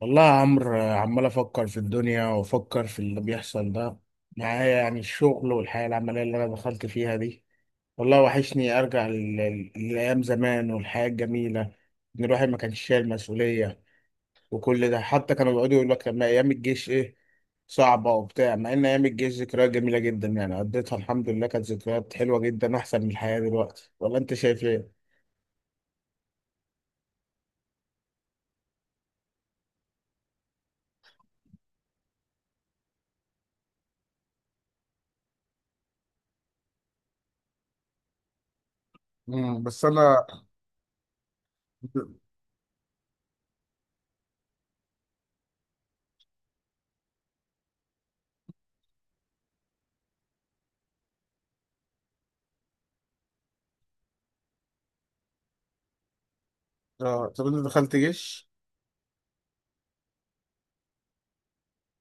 والله يا عمرو آه، عمال افكر في الدنيا وافكر في اللي بيحصل ده معايا، يعني الشغل والحياه العمليه اللي انا دخلت فيها دي. والله وحشني ارجع للايام زمان والحياه الجميله، ان الواحد ما كانش شايل مسؤوليه. وكل ده، حتى كانوا بيقعدوا يقولوا لك لما ايام الجيش ايه، صعبه وبتاع، مع ان ايام الجيش ذكريات جميله جدا، يعني قضيتها الحمد لله كانت ذكريات حلوه جدا احسن من الحياه دلوقتي. ولا انت شايف ايه؟ مم. بس انا آه، طب انت دخلت جيش.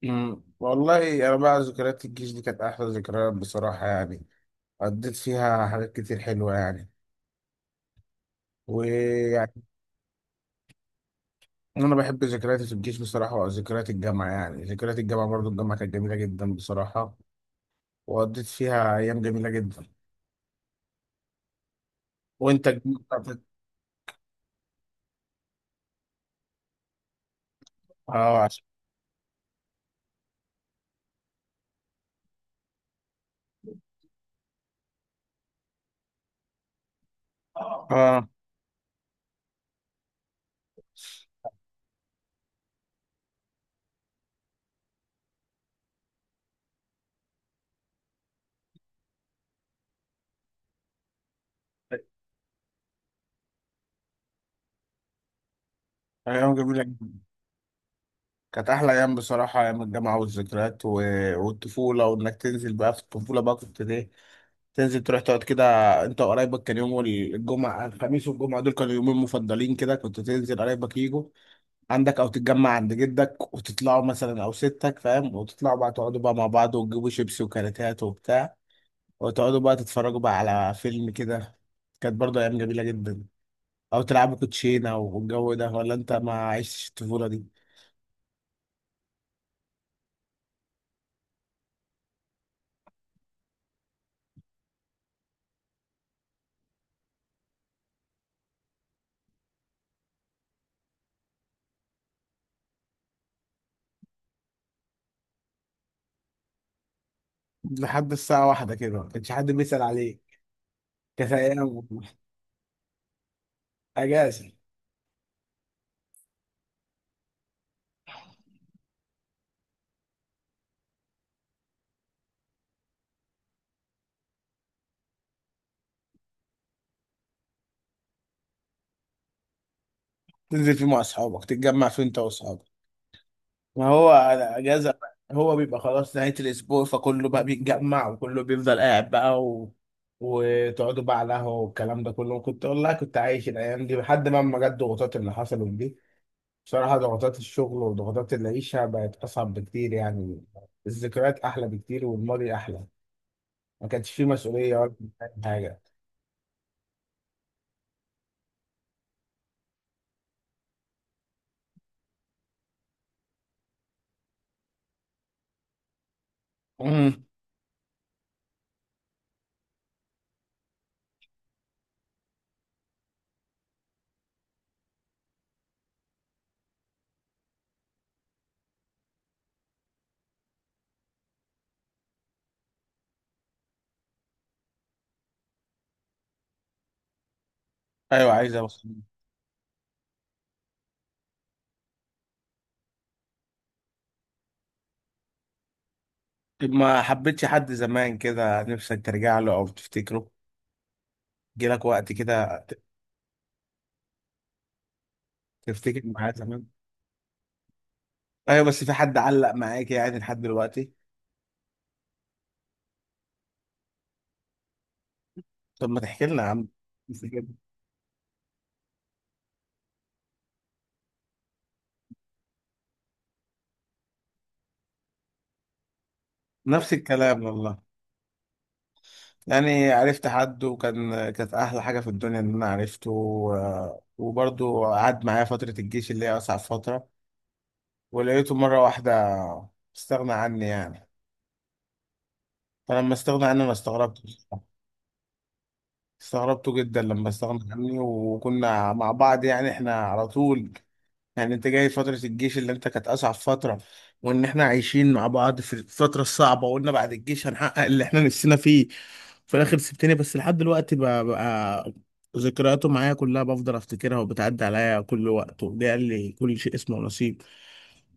مم. والله انا بقى ذكريات الجيش دي كانت احلى ذكريات بصراحه، يعني قضيت فيها حاجات كتير حلوه، يعني ويعني انا بحب ذكرياتي في الجيش بصراحه، وذكريات الجامعه، يعني ذكريات الجامعه برضو الجامعه كانت جميله جدا بصراحه، وقضيت فيها ايام جميله جدا. وانت الجامعة بتاعتك- اه عشان اه، ايام جميله جدا، كانت احلى ايام بصراحه، ايام الجامعه والذكريات، و... والطفوله. وانك تنزل بقى في الطفوله، بقى كنت ليه تنزل تروح تقعد كده انت وقرايبك. كان يوم الجمعة، الخميس والجمعة دول كانوا يومين مفضلين كده، كنت تنزل قرايبك يجوا عندك او تتجمع عند جدك وتطلعوا مثلا او ستك، فاهم، وتطلعوا بقى تقعدوا بقى مع بعض وتجيبوا شيبسي وكاراتات وبتاع، وتقعدوا بقى تتفرجوا بقى على فيلم كده. كانت برضه ايام جميلة جدا، او تلعبوا كوتشينة والجو ده. ولا انت ما عشتش الطفولة دي؟ لحد الساعة واحدة كده ما كانش حد بيسأل عليك. كانت ايام اجازة، تنزل فيه مع اصحابك، تتجمع فيه انت واصحابك. ما هو على اجازه بقى. هو بيبقى خلاص نهايه الاسبوع، فكله بقى بيتجمع وكله بيفضل قاعد بقى، و... وتقعدوا بقى على قهوه والكلام ده كله. كنت والله كنت عايش الايام دي لحد ما ما جت الضغوطات اللي حصلت دي. بصراحه ضغوطات الشغل وضغوطات العيشه بقت اصعب بكتير يعني. الذكريات احلى بكتير، والماضي احلى، ما كانش فيه مسؤوليه ولا حاجه. امم، ايوه عايز اوصل. طب ما حبيتش حد زمان كده نفسك ترجع له او تفتكره، جيلك، وقت كده تفتكر معاه زمان؟ ايوه، بس في حد علق معاك يعني لحد دلوقتي؟ طب ما تحكي لنا يا عم، بس كده. نفس الكلام والله، يعني عرفت حد وكان كانت احلى حاجه في الدنيا ان انا عرفته، وبرضه قعد معايا فتره الجيش اللي هي اصعب فتره، ولقيته مره واحده استغنى عني يعني. فلما استغنى عني انا استغربت بصراحة. استغربته جدا لما استغنى عني، وكنا مع بعض يعني، احنا على طول، يعني انت جاي فترة الجيش اللي انت كانت اصعب فترة، وان احنا عايشين مع بعض في الفترة الصعبة، وقلنا بعد الجيش هنحقق اللي احنا نفسنا فيه. في الاخر سبتني، بس لحد دلوقتي بقى ذكرياته معايا كلها بفضل افتكرها وبتعدي عليا كل وقت. وده قال لي كل شيء اسمه نصيب،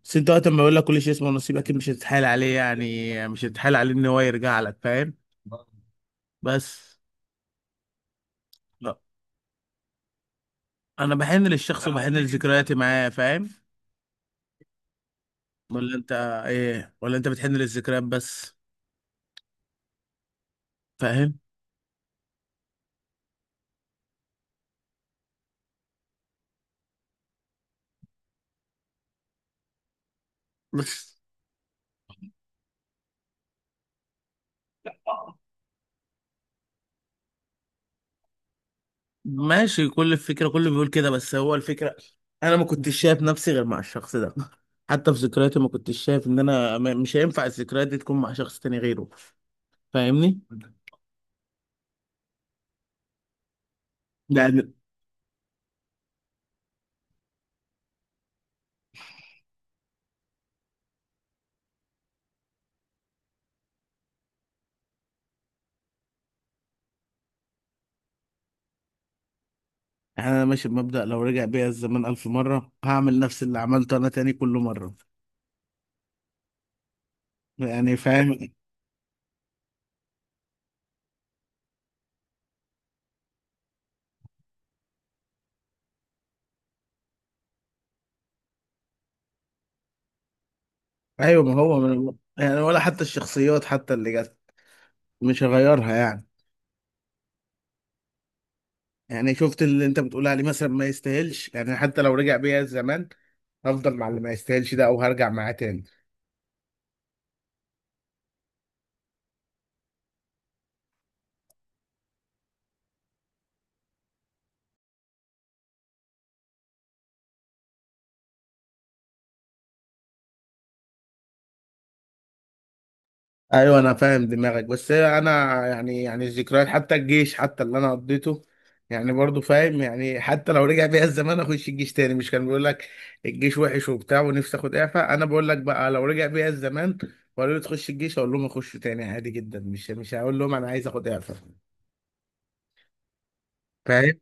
بس انت وقت ما بقول لك كل شيء اسمه نصيب اكيد مش هتتحايل عليه، يعني مش هتتحايل عليه ان هو يرجع لك، فاهم؟ بس لا، انا بحن للشخص وبحن لذكرياتي معاه، فاهم؟ ولا انت ايه، ولا انت بتحن للذكريات بس، فاهم؟ بس ماشي، كل الفكرة كله بيقول كده، بس هو الفكرة أنا ما كنتش شايف نفسي غير مع الشخص ده، حتى في ذكرياتي ما كنتش شايف إن أنا مش هينفع الذكريات دي تكون مع شخص تاني غيره. فاهمني؟ لأن أنا ماشي بمبدأ لو رجع بيا الزمان ألف مرة هعمل نفس اللي عملته أنا تاني كل مرة، يعني فاهم؟ أيوه، ما هو من، يعني ولا حتى الشخصيات حتى اللي جت، مش هغيرها يعني. يعني شفت اللي أنت بتقول عليه مثلا ما يستاهلش، يعني حتى لو رجع بيا الزمان هفضل مع اللي ما يستاهلش ده او هرجع معاه تاني. ايوه انا فاهم دماغك، بس هي انا يعني، يعني الذكريات حتى الجيش حتى اللي انا قضيته، يعني برضو فاهم، يعني حتى لو رجع بيا الزمان اخش الجيش تاني. مش كان بيقول لك الجيش وحش وبتاع ونفسي اخد اعفاء؟ انا بقول لك بقى، لو رجع بيا الزمان وقالوا لي تخش الجيش اقول لهم اخش تاني عادي جدا، مش هقول لهم انا عايز اخد اعفاء، فاهم؟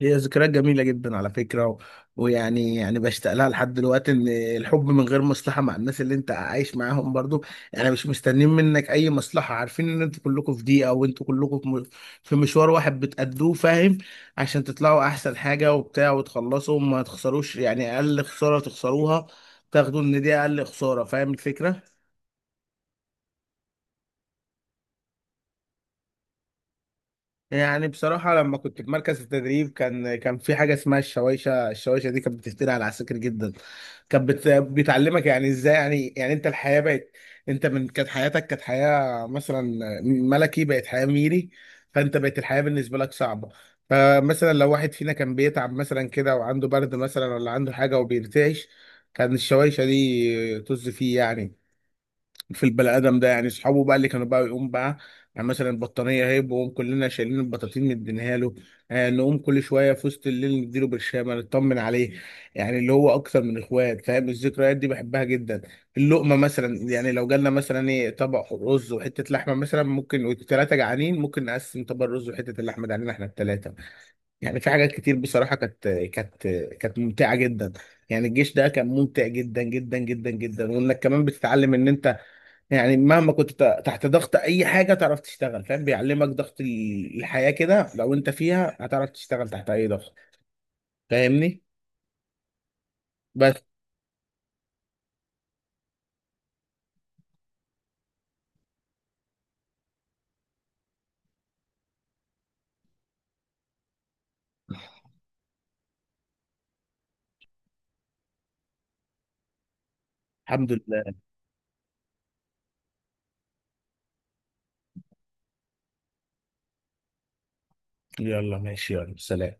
هي ذكريات جميلة جدا على فكرة، و... ويعني يعني بشتاق لها لحد دلوقتي، ان الحب من غير مصلحة مع الناس اللي انت عايش معاهم برضو، يعني مش مستنيين منك اي مصلحة، عارفين ان انتوا كلكم في دقيقة وانتوا كلكم في في مشوار واحد بتأدوه، فاهم، عشان تطلعوا احسن حاجة وبتاع وتخلصوا وما تخسروش، يعني اقل خسارة تخسروها تاخدوا ان دي اقل خسارة، فاهم الفكرة؟ يعني بصراحة لما كنت في مركز التدريب كان في حاجة اسمها الشوايشة، الشوايشة دي كانت بتفتري على العساكر جدا. كانت بتعلمك يعني ازاي، يعني يعني انت الحياة بقت، انت من كانت حياتك كانت حياة مثلا ملكي بقت حياة ميري، فانت بقت الحياة بالنسبة لك صعبة. فمثلا لو واحد فينا كان بيتعب مثلا كده وعنده برد مثلا ولا عنده حاجة وبيرتعش، كان الشوايشة دي طز فيه يعني، في البني ادم ده. يعني اصحابه بقى اللي كانوا بقى يقوم بقى يعني مثلا البطانيه هيب، وهم كلنا شايلين البطاطين مدينها له. آه، نقوم كل شويه في وسط الليل نديله برشامه نطمن عليه، يعني اللي هو اكتر من اخوات، فاهم؟ الذكريات دي بحبها جدا. اللقمه مثلا، يعني لو جالنا مثلا ايه طبق رز وحته لحمه مثلا، ممكن والثلاثه جعانين ممكن نقسم طبق الرز وحته اللحمه ده علينا احنا الثلاثه. يعني في حاجات كتير بصراحة، كانت ممتعة جدا. يعني الجيش ده كان ممتع جدا جدا جدا جدا، وانك كمان بتتعلم ان انت، يعني مهما كنت تحت ضغط اي حاجة تعرف تشتغل، فاهم، بيعلمك ضغط الحياة كده، لو انت فيها هتعرف تشتغل تحت اي ضغط، فاهمني؟ بس الحمد لله، يلا ماشي، يلا سلام.